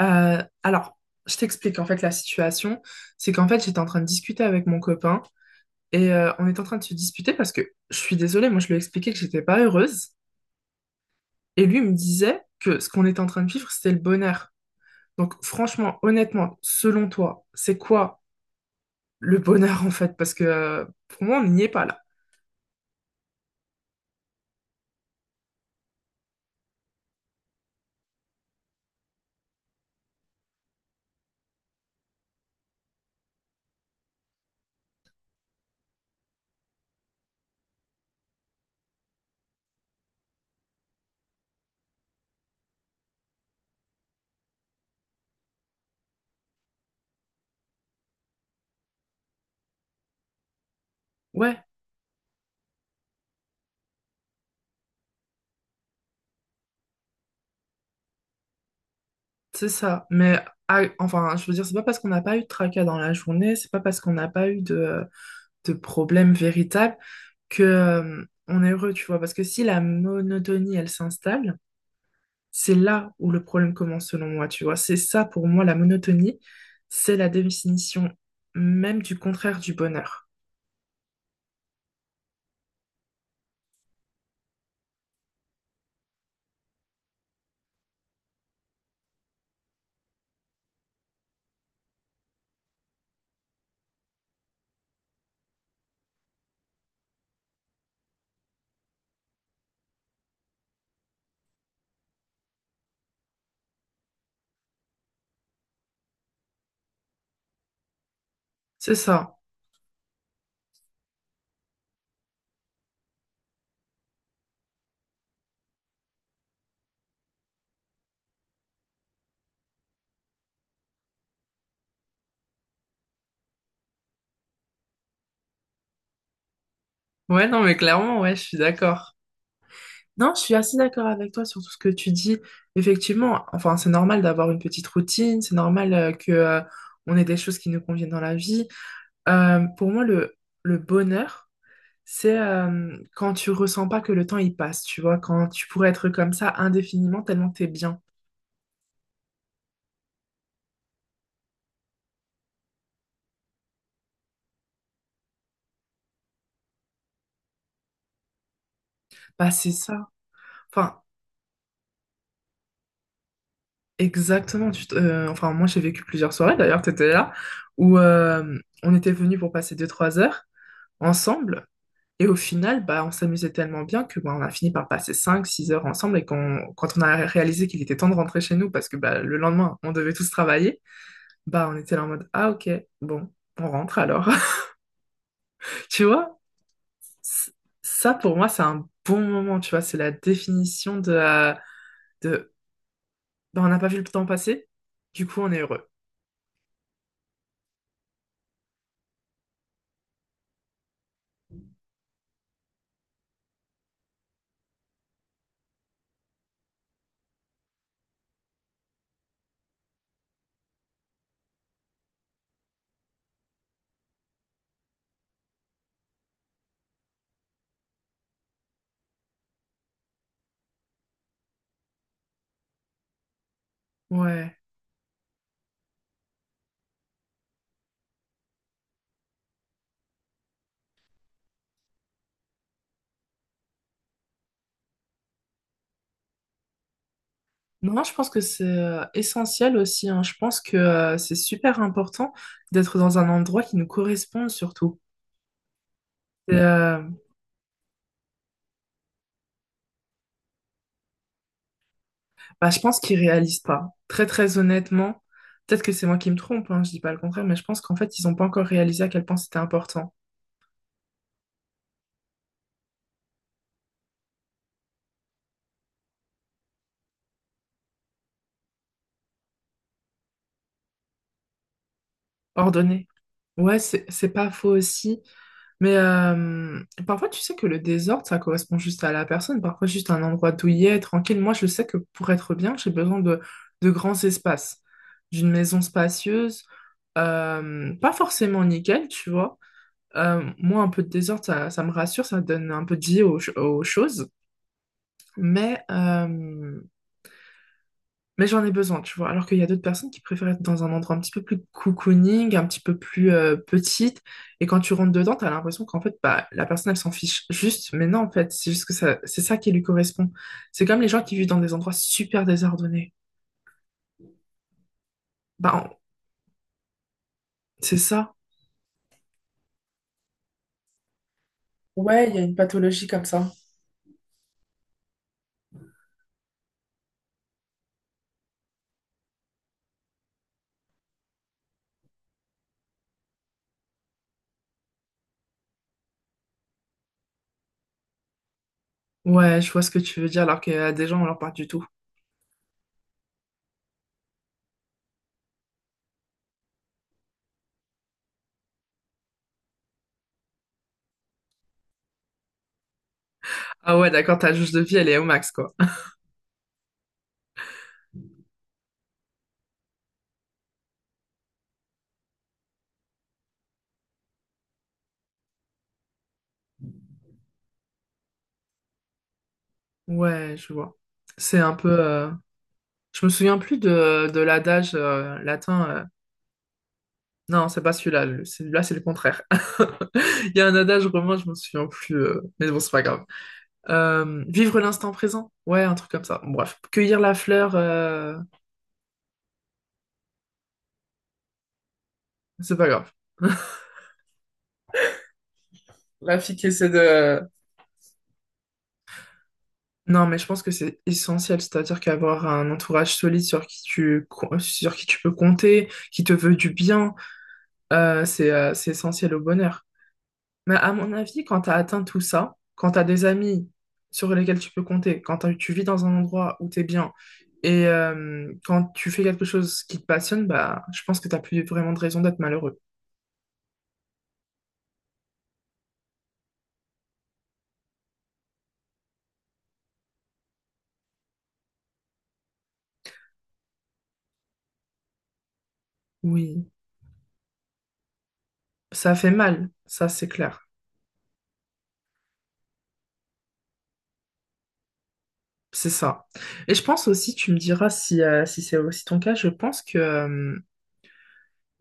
Alors, je t'explique en fait la situation. C'est qu'en fait, j'étais en train de discuter avec mon copain et on est en train de se disputer parce que je suis désolée, moi je lui ai expliqué que j'étais pas heureuse et lui il me disait que ce qu'on était en train de vivre, c'était le bonheur. Donc, franchement, honnêtement, selon toi, c'est quoi le bonheur en fait? Parce que pour moi, on n'y est pas là. Ouais, c'est ça. Mais ah, enfin, je veux dire, c'est pas parce qu'on n'a pas eu de tracas dans la journée, c'est pas parce qu'on n'a pas eu de problème véritable que on est heureux, tu vois. Parce que si la monotonie, elle s'installe, c'est là où le problème commence, selon moi, tu vois. C'est ça, pour moi, la monotonie, c'est la définition même du contraire du bonheur. C'est ça. Ouais, non, mais clairement, ouais, je suis d'accord. Non, je suis assez d'accord avec toi sur tout ce que tu dis. Effectivement, enfin, c'est normal d'avoir une petite routine, c'est normal que on ait des choses qui nous conviennent dans la vie. Pour moi, le bonheur, c'est quand tu ressens pas que le temps il passe, tu vois, quand tu pourrais être comme ça indéfiniment tellement t'es bien. Bah c'est ça. Enfin, exactement. Enfin, moi j'ai vécu plusieurs soirées d'ailleurs, t'étais là, où on était venus pour passer deux trois heures ensemble. Et au final, bah, on s'amusait tellement bien que bah, on a fini par passer cinq six heures ensemble. Et quand on a réalisé qu'il était temps de rentrer chez nous, parce que bah, le lendemain, on devait tous travailler, bah, on était là en mode, ah ok, bon, on rentre alors. Tu vois? c- Ça, pour moi, c'est un bon moment, tu vois. C'est la définition de bah, on n'a pas vu le temps passer, du coup, on est heureux. Ouais. Non, je pense que c'est essentiel aussi, hein. Je pense que c'est super important d'être dans un endroit qui nous corresponde surtout. Et, bah, je pense qu'ils réalisent pas. Très, très honnêtement, peut-être que c'est moi qui me trompe, hein, je dis pas le contraire, mais je pense qu'en fait, ils n'ont pas encore réalisé à quel point c'était important. Ordonné. Ouais, c'est pas faux aussi. Mais parfois, tu sais que le désordre, ça correspond juste à la personne. Parfois, juste un endroit douillet, tranquille. Moi, je sais que pour être bien, j'ai besoin de grands espaces, d'une maison spacieuse, pas forcément nickel, tu vois. Moi, un peu de désordre, ça me rassure, ça donne un peu de vie aux choses. Mais euh, mais j'en ai besoin, tu vois. Alors qu'il y a d'autres personnes qui préfèrent être dans un endroit un petit peu plus cocooning, un petit peu plus petite. Et quand tu rentres dedans, t'as l'impression qu'en fait, bah, la personne, elle s'en fiche juste. Mais non, en fait, c'est juste que ça, c'est ça qui lui correspond. C'est comme les gens qui vivent dans des endroits super désordonnés. Bah, on- c'est ça. Ouais, il y a une pathologie comme ça. Ouais, je vois ce que tu veux dire, alors qu'il y a des gens, on leur parle du tout. Ah ouais, d'accord, ta jauge de vie, elle est au max, quoi. Ouais, je vois. C'est un peu. Je me souviens plus de l'adage latin. Non, c'est pas celui-là. Celui-là, c'est le contraire. Il y a un adage romain, je me souviens plus. Mais bon, c'est pas grave. Vivre l'instant présent. Ouais, un truc comme ça. Bon, bref. Cueillir la fleur, c'est pas grave. La fille qui essaie de. Non, mais je pense que c'est essentiel, c'est-à-dire qu'avoir un entourage solide sur qui tu peux compter, qui te veut du bien, c'est essentiel au bonheur. Mais à mon avis, quand tu as atteint tout ça, quand tu as des amis sur lesquels tu peux compter, quand tu vis dans un endroit où tu es bien et quand tu fais quelque chose qui te passionne, bah, je pense que tu plus vraiment de raison d'être malheureux. Oui, ça fait mal, ça c'est clair. C'est ça. Et je pense aussi, tu me diras si, si c'est aussi ton cas, je pense que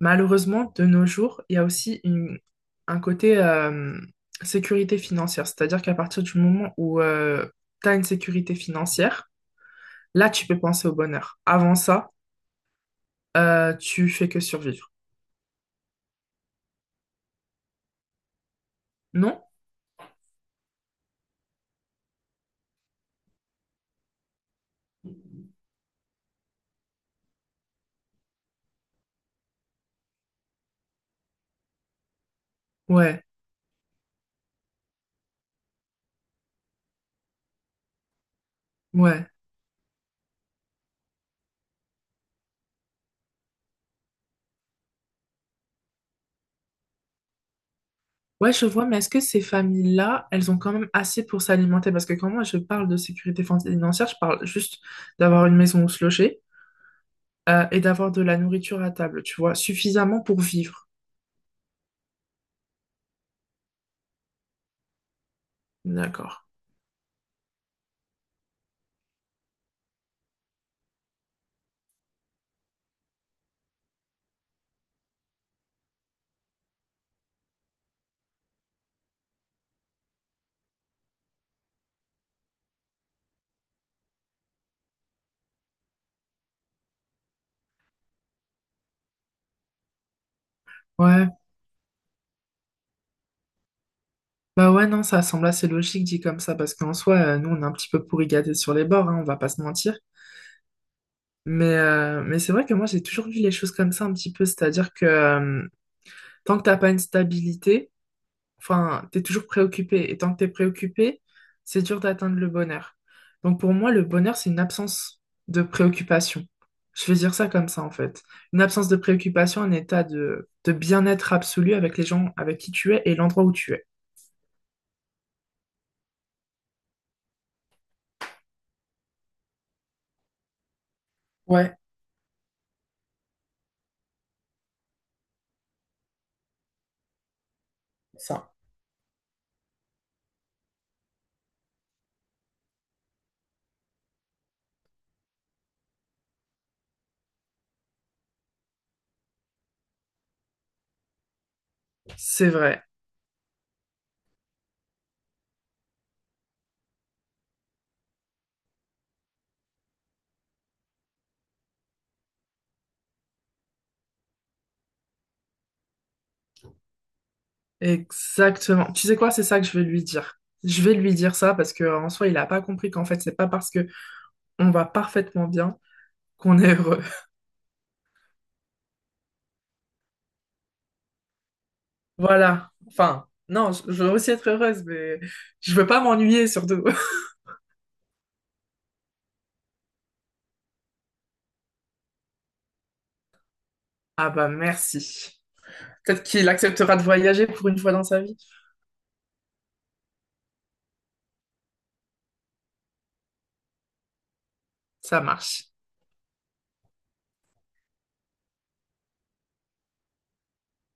malheureusement, de nos jours, il y a aussi un côté sécurité financière. C'est-à-dire qu'à partir du moment où tu as une sécurité financière, là, tu peux penser au bonheur. Avant ça, tu fais que survivre. Non? Ouais, ouais. Ouais, je vois, mais est-ce que ces familles-là, elles ont quand même assez pour s'alimenter? Parce que quand moi je parle de sécurité financière, je parle juste d'avoir une maison où se loger et d'avoir de la nourriture à table, tu vois, suffisamment pour vivre. D'accord. Ouais. Bah ouais, non, ça semble assez logique dit comme ça, parce qu'en soi, nous, on est un petit peu pourri gâtés sur les bords, hein, on va pas se mentir. Mais c'est vrai que moi, j'ai toujours vu les choses comme ça un petit peu, tant que t'as pas une stabilité, enfin, t'es toujours préoccupé. Et tant que t'es préoccupé, c'est dur d'atteindre le bonheur. Donc pour moi, le bonheur, c'est une absence de préoccupation. Je vais dire ça comme ça, en fait. Une absence de préoccupation, un état de bien-être absolu avec les gens avec qui tu es et l'endroit où tu es. Ouais, ça. C'est vrai, exactement. Tu sais quoi, c'est ça que je vais lui dire. Je vais lui dire ça parce que en soi, il a pas compris qu'en fait, c'est pas parce que on va parfaitement bien qu'on est heureux. Voilà. Enfin, non, je veux aussi être heureuse, mais je veux pas m'ennuyer surtout. Ah bah merci. Peut-être qu'il acceptera de voyager pour une fois dans sa vie. Ça marche.